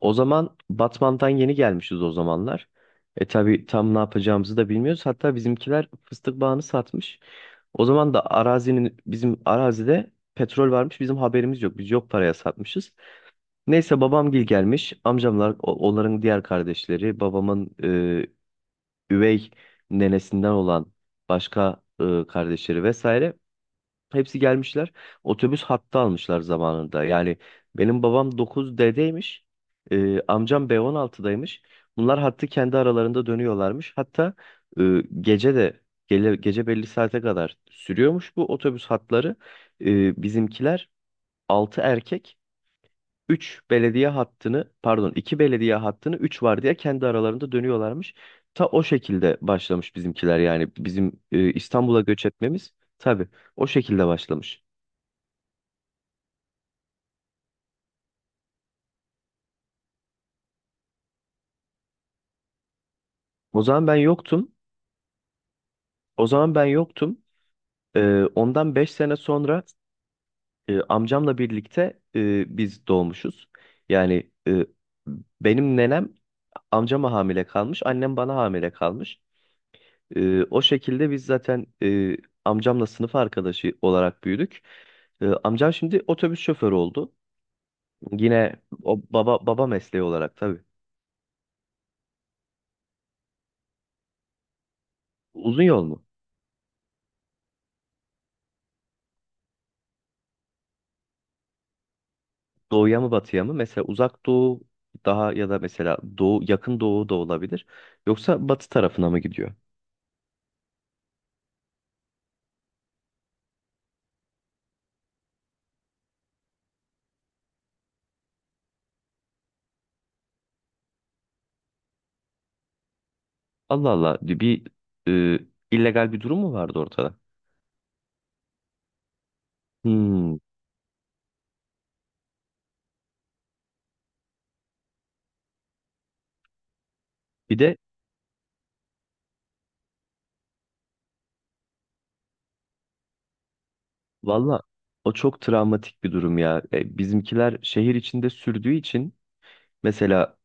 O zaman Batman'dan yeni gelmişiz o zamanlar. Tabii tam ne yapacağımızı da bilmiyoruz. Hatta bizimkiler fıstık bağını satmış. O zaman da arazinin bizim arazide petrol varmış. Bizim haberimiz yok. Biz yok paraya satmışız. Neyse babamgil gelmiş. Amcamlar onların diğer kardeşleri babamın üvey nenesinden olan başka kardeşleri vesaire. Hepsi gelmişler. Otobüs hattı almışlar zamanında. Yani benim babam 9D'deymiş. Amcam B16'daymış. Bunlar hattı kendi aralarında dönüyorlarmış. Hatta gece de gece belli saate kadar sürüyormuş bu otobüs hatları. Bizimkiler 6 erkek, 3 belediye hattını, pardon, 2 belediye hattını 3 var diye kendi aralarında dönüyorlarmış. Ta o şekilde başlamış bizimkiler, yani bizim İstanbul'a göç etmemiz tabii o şekilde başlamış. O zaman ben yoktum. O zaman ben yoktum. Ondan 5 sene sonra amcamla birlikte biz doğmuşuz. Yani benim nenem amcama hamile kalmış, annem bana hamile kalmış. O şekilde biz zaten amcamla sınıf arkadaşı olarak büyüdük. Amcam şimdi otobüs şoförü oldu. Yine o baba mesleği olarak tabii. Uzun yol mu? Doğuya mı batıya mı? Mesela uzak doğu daha, ya da mesela doğu, yakın doğu da olabilir. Yoksa batı tarafına mı gidiyor? Allah Allah, bir e, illegal bir durum mu vardı ortada? Hmm. Bir de valla o çok travmatik bir durum ya. Bizimkiler şehir içinde sürdüğü için mesela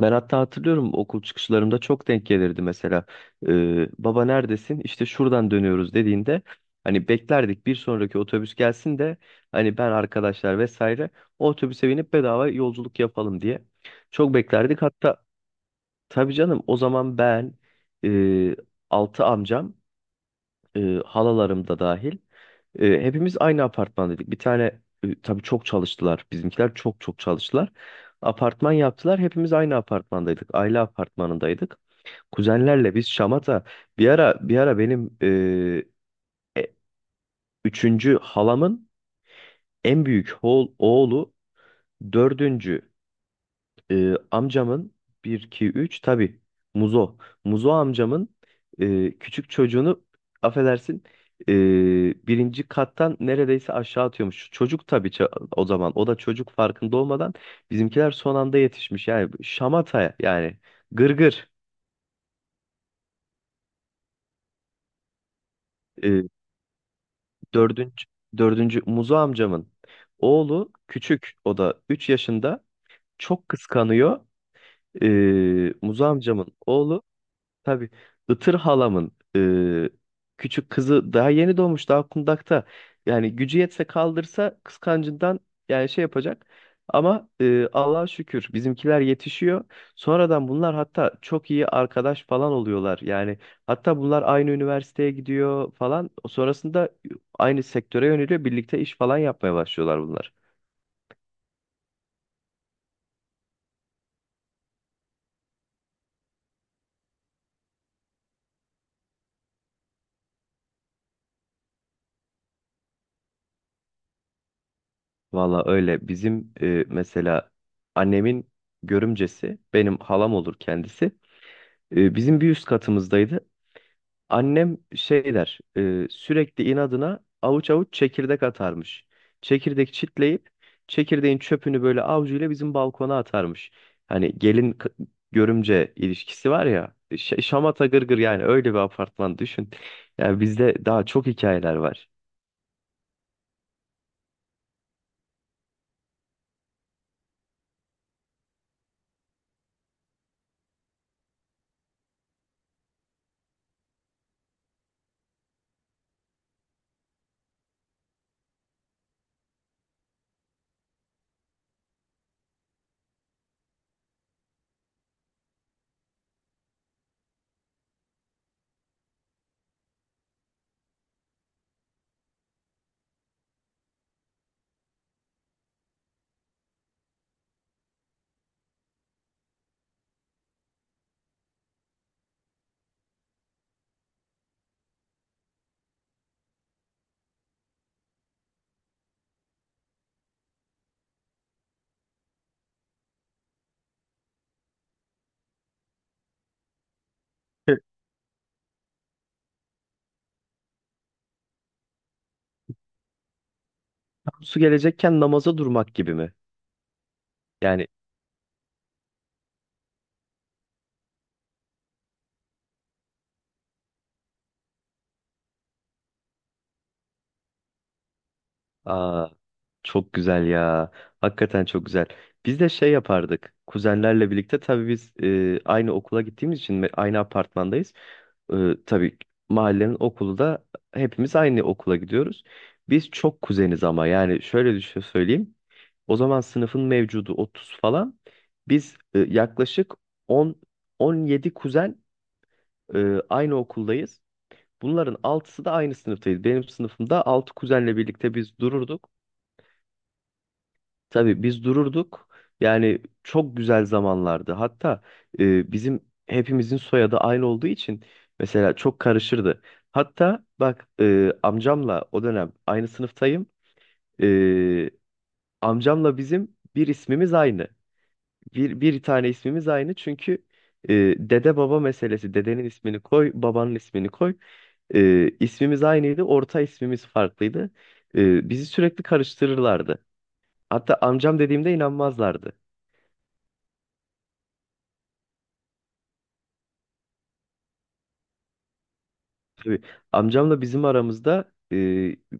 ben hatta hatırlıyorum okul çıkışlarımda çok denk gelirdi mesela. Baba neredesin? İşte şuradan dönüyoruz dediğinde hani beklerdik bir sonraki otobüs gelsin de hani ben, arkadaşlar vesaire, o otobüse binip bedava yolculuk yapalım diye. Çok beklerdik. Hatta tabii canım o zaman ben e, altı amcam, e, halalarım da dahil hepimiz aynı apartmandaydık. Bir tane tabii çok çalıştılar. Bizimkiler çok çok çalıştılar. Apartman yaptılar. Hepimiz aynı apartmandaydık. Aile apartmanındaydık. Kuzenlerle biz şamata, bir ara benim e, üçüncü halamın en büyük oğlu, dördüncü amcamın bir 2, 3 tabii Muzo. Muzo amcamın küçük çocuğunu, affedersin, e, birinci kattan neredeyse aşağı atıyormuş. Çocuk tabii o zaman o da çocuk, farkında olmadan bizimkiler son anda yetişmiş. Yani şamata, yani gırgır. E, dördüncü, dördüncü Muzo amcamın oğlu küçük, o da 3 yaşında çok kıskanıyor. Muzo amcamın oğlu tabii Itır halamın küçük kızı daha yeni doğmuş, daha kundakta. Yani gücü yetse kaldırsa kıskancından, yani şey yapacak. Ama Allah'a şükür bizimkiler yetişiyor. Sonradan bunlar hatta çok iyi arkadaş falan oluyorlar. Yani hatta bunlar aynı üniversiteye gidiyor falan. Sonrasında aynı sektöre yöneliyor. Birlikte iş falan yapmaya başlıyorlar bunlar. Valla öyle. Bizim mesela annemin görümcesi benim halam olur kendisi. E, bizim bir üst katımızdaydı. Annem şey der, sürekli inadına avuç avuç çekirdek atarmış. Çekirdek çitleyip çekirdeğin çöpünü böyle avucuyla bizim balkona atarmış. Hani gelin görümce ilişkisi var ya, şamata gırgır, yani öyle bir apartman düşün. Yani bizde daha çok hikayeler var. Tam su gelecekken namaza durmak gibi mi? Yani. Aa, çok güzel ya. Hakikaten çok güzel. Biz de şey yapardık. Kuzenlerle birlikte, tabii biz aynı okula gittiğimiz için ve aynı apartmandayız. E, tabii mahallenin okulu da, hepimiz aynı okula gidiyoruz. Biz çok kuzeniz ama yani şöyle düşün söyleyeyim. O zaman sınıfın mevcudu 30 falan. Biz yaklaşık 10 17 kuzen aynı okuldayız. Bunların altısı da aynı sınıftayız. Benim sınıfımda 6 kuzenle birlikte biz dururduk. Tabii biz dururduk. Yani çok güzel zamanlardı. Hatta bizim hepimizin soyadı aynı olduğu için mesela çok karışırdı. Hatta bak, amcamla o dönem aynı sınıftayım. E, Amcamla bizim bir ismimiz aynı. Bir tane ismimiz aynı, çünkü e, dede baba meselesi. Dedenin ismini koy, babanın ismini koy. E, ismimiz aynıydı, orta ismimiz farklıydı. E, bizi sürekli karıştırırlardı. Hatta amcam dediğimde inanmazlardı. Tabii. Amcamla bizim aramızda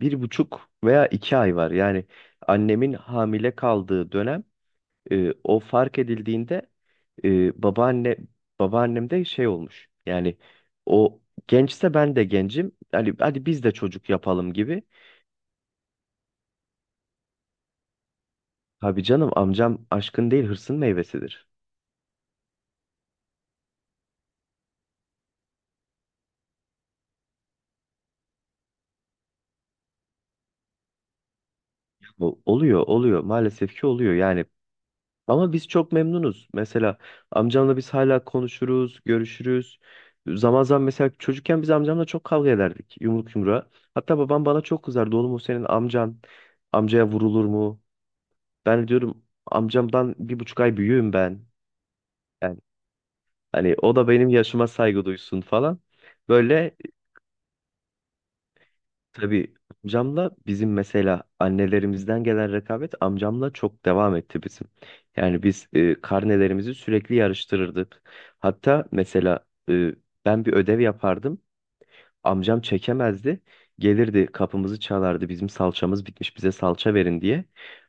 1,5 veya 2 ay var. Yani annemin hamile kaldığı dönem, o fark edildiğinde, e, babaanne babaannem de şey olmuş. Yani o gençse ben de gencim. Hani hadi biz de çocuk yapalım gibi. Abi canım, amcam aşkın değil hırsın meyvesidir. Bu oluyor, oluyor, maalesef ki oluyor. Yani ama biz çok memnunuz. Mesela amcamla biz hala konuşuruz, görüşürüz. Zaman zaman. Mesela çocukken biz amcamla çok kavga ederdik yumruk yumruğa. Hatta babam bana çok kızardı. Oğlum, o senin amcan. Amcaya vurulur mu? Ben diyorum amcamdan 1,5 ay büyüğüm ben. Yani hani o da benim yaşıma saygı duysun falan. Böyle. Tabii amcamla bizim mesela annelerimizden gelen rekabet amcamla çok devam etti bizim. Yani biz karnelerimizi sürekli yarıştırırdık. Hatta mesela ben bir ödev yapardım. Amcam çekemezdi. Gelirdi, kapımızı çalardı. Bizim salçamız bitmiş, bize salça verin diye.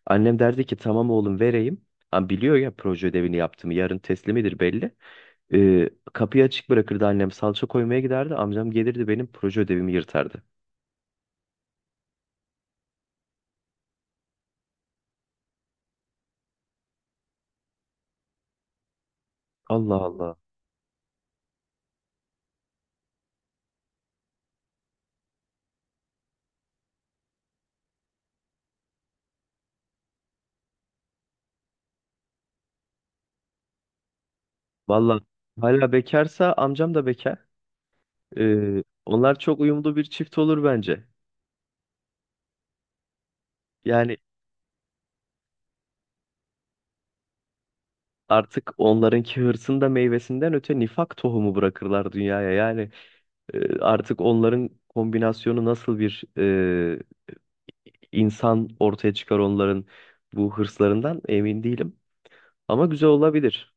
Annem derdi ki tamam oğlum vereyim. Ama biliyor ya proje ödevini yaptığımı, yarın teslimidir belli. Kapıyı açık bırakırdı annem, salça koymaya giderdi. Amcam gelirdi, benim proje ödevimi yırtardı. Allah Allah. Valla hala bekarsa, amcam da bekar. Onlar çok uyumlu bir çift olur bence. Yani artık onlarınki hırsın da meyvesinden öte, nifak tohumu bırakırlar dünyaya. Yani artık onların kombinasyonu nasıl bir insan ortaya çıkar, onların bu hırslarından emin değilim. Ama güzel olabilir.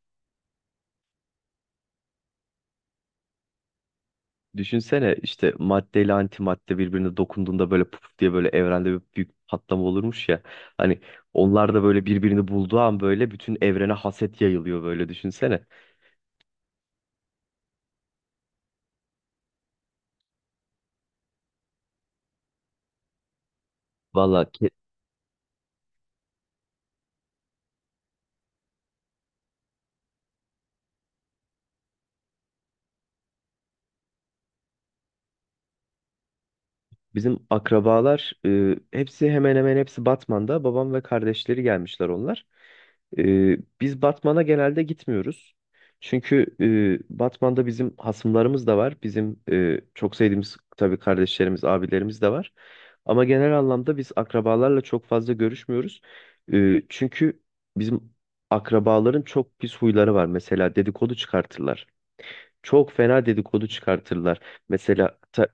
Düşünsene, işte maddeyle ile antimadde birbirine dokunduğunda böyle puf diye böyle evrende bir büyük patlama olurmuş ya. Hani onlar da böyle birbirini bulduğu an böyle bütün evrene haset yayılıyor, böyle düşünsene. Valla bizim akrabalar, hepsi hemen hemen hepsi Batman'da. Babam ve kardeşleri gelmişler onlar. Biz Batman'a genelde gitmiyoruz. Çünkü Batman'da bizim hasımlarımız da var. Bizim çok sevdiğimiz tabii kardeşlerimiz, abilerimiz de var. Ama genel anlamda biz akrabalarla çok fazla görüşmüyoruz. Çünkü bizim akrabaların çok pis huyları var. Mesela dedikodu çıkartırlar. Çok fena dedikodu çıkartırlar. Mesela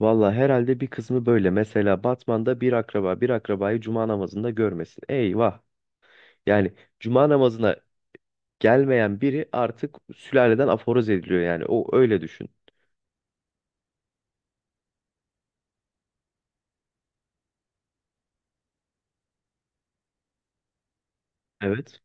valla herhalde bir kısmı böyle. Mesela Batman'da bir akraba bir akrabayı cuma namazında görmesin. Eyvah. Yani cuma namazına gelmeyen biri artık sülaleden aforoz ediliyor yani. O öyle düşün. Evet.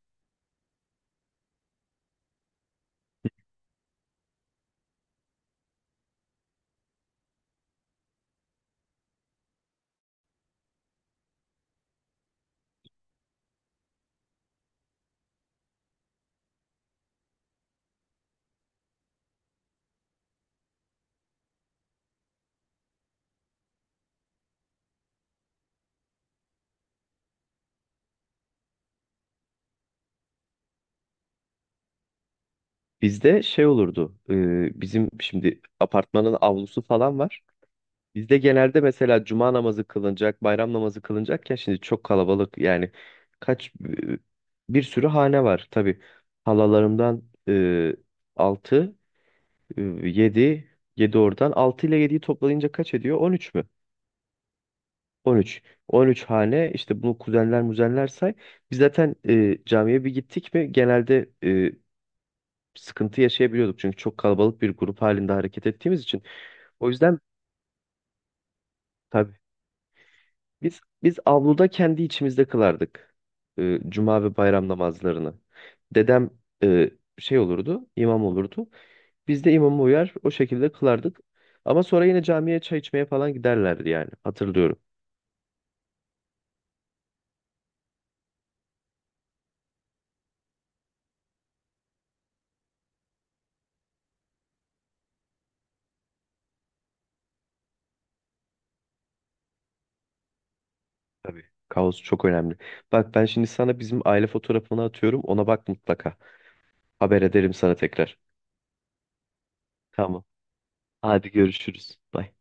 Bizde şey olurdu. Bizim şimdi apartmanın avlusu falan var. Bizde genelde mesela cuma namazı kılınacak, bayram namazı kılınacakken, şimdi çok kalabalık yani. Kaç bir sürü hane var tabii. Halalarımdan 6. 7, 7 oradan, 6 ile yediyi toplayınca kaç ediyor? 13 mü? 13. 13 hane, işte bunu kuzenler muzenler say. Biz zaten camiye bir gittik mi genelde sıkıntı yaşayabiliyorduk, çünkü çok kalabalık bir grup halinde hareket ettiğimiz için. O yüzden tabii biz avluda kendi içimizde kılardık cuma ve bayram namazlarını. Dedem e, şey olurdu, imam olurdu. Biz de imama uyar o şekilde kılardık. Ama sonra yine camiye çay içmeye falan giderlerdi yani, hatırlıyorum. Tabii. Kaos çok önemli. Bak ben şimdi sana bizim aile fotoğrafını atıyorum. Ona bak mutlaka. Haber ederim sana tekrar. Tamam. Hadi görüşürüz. Bye.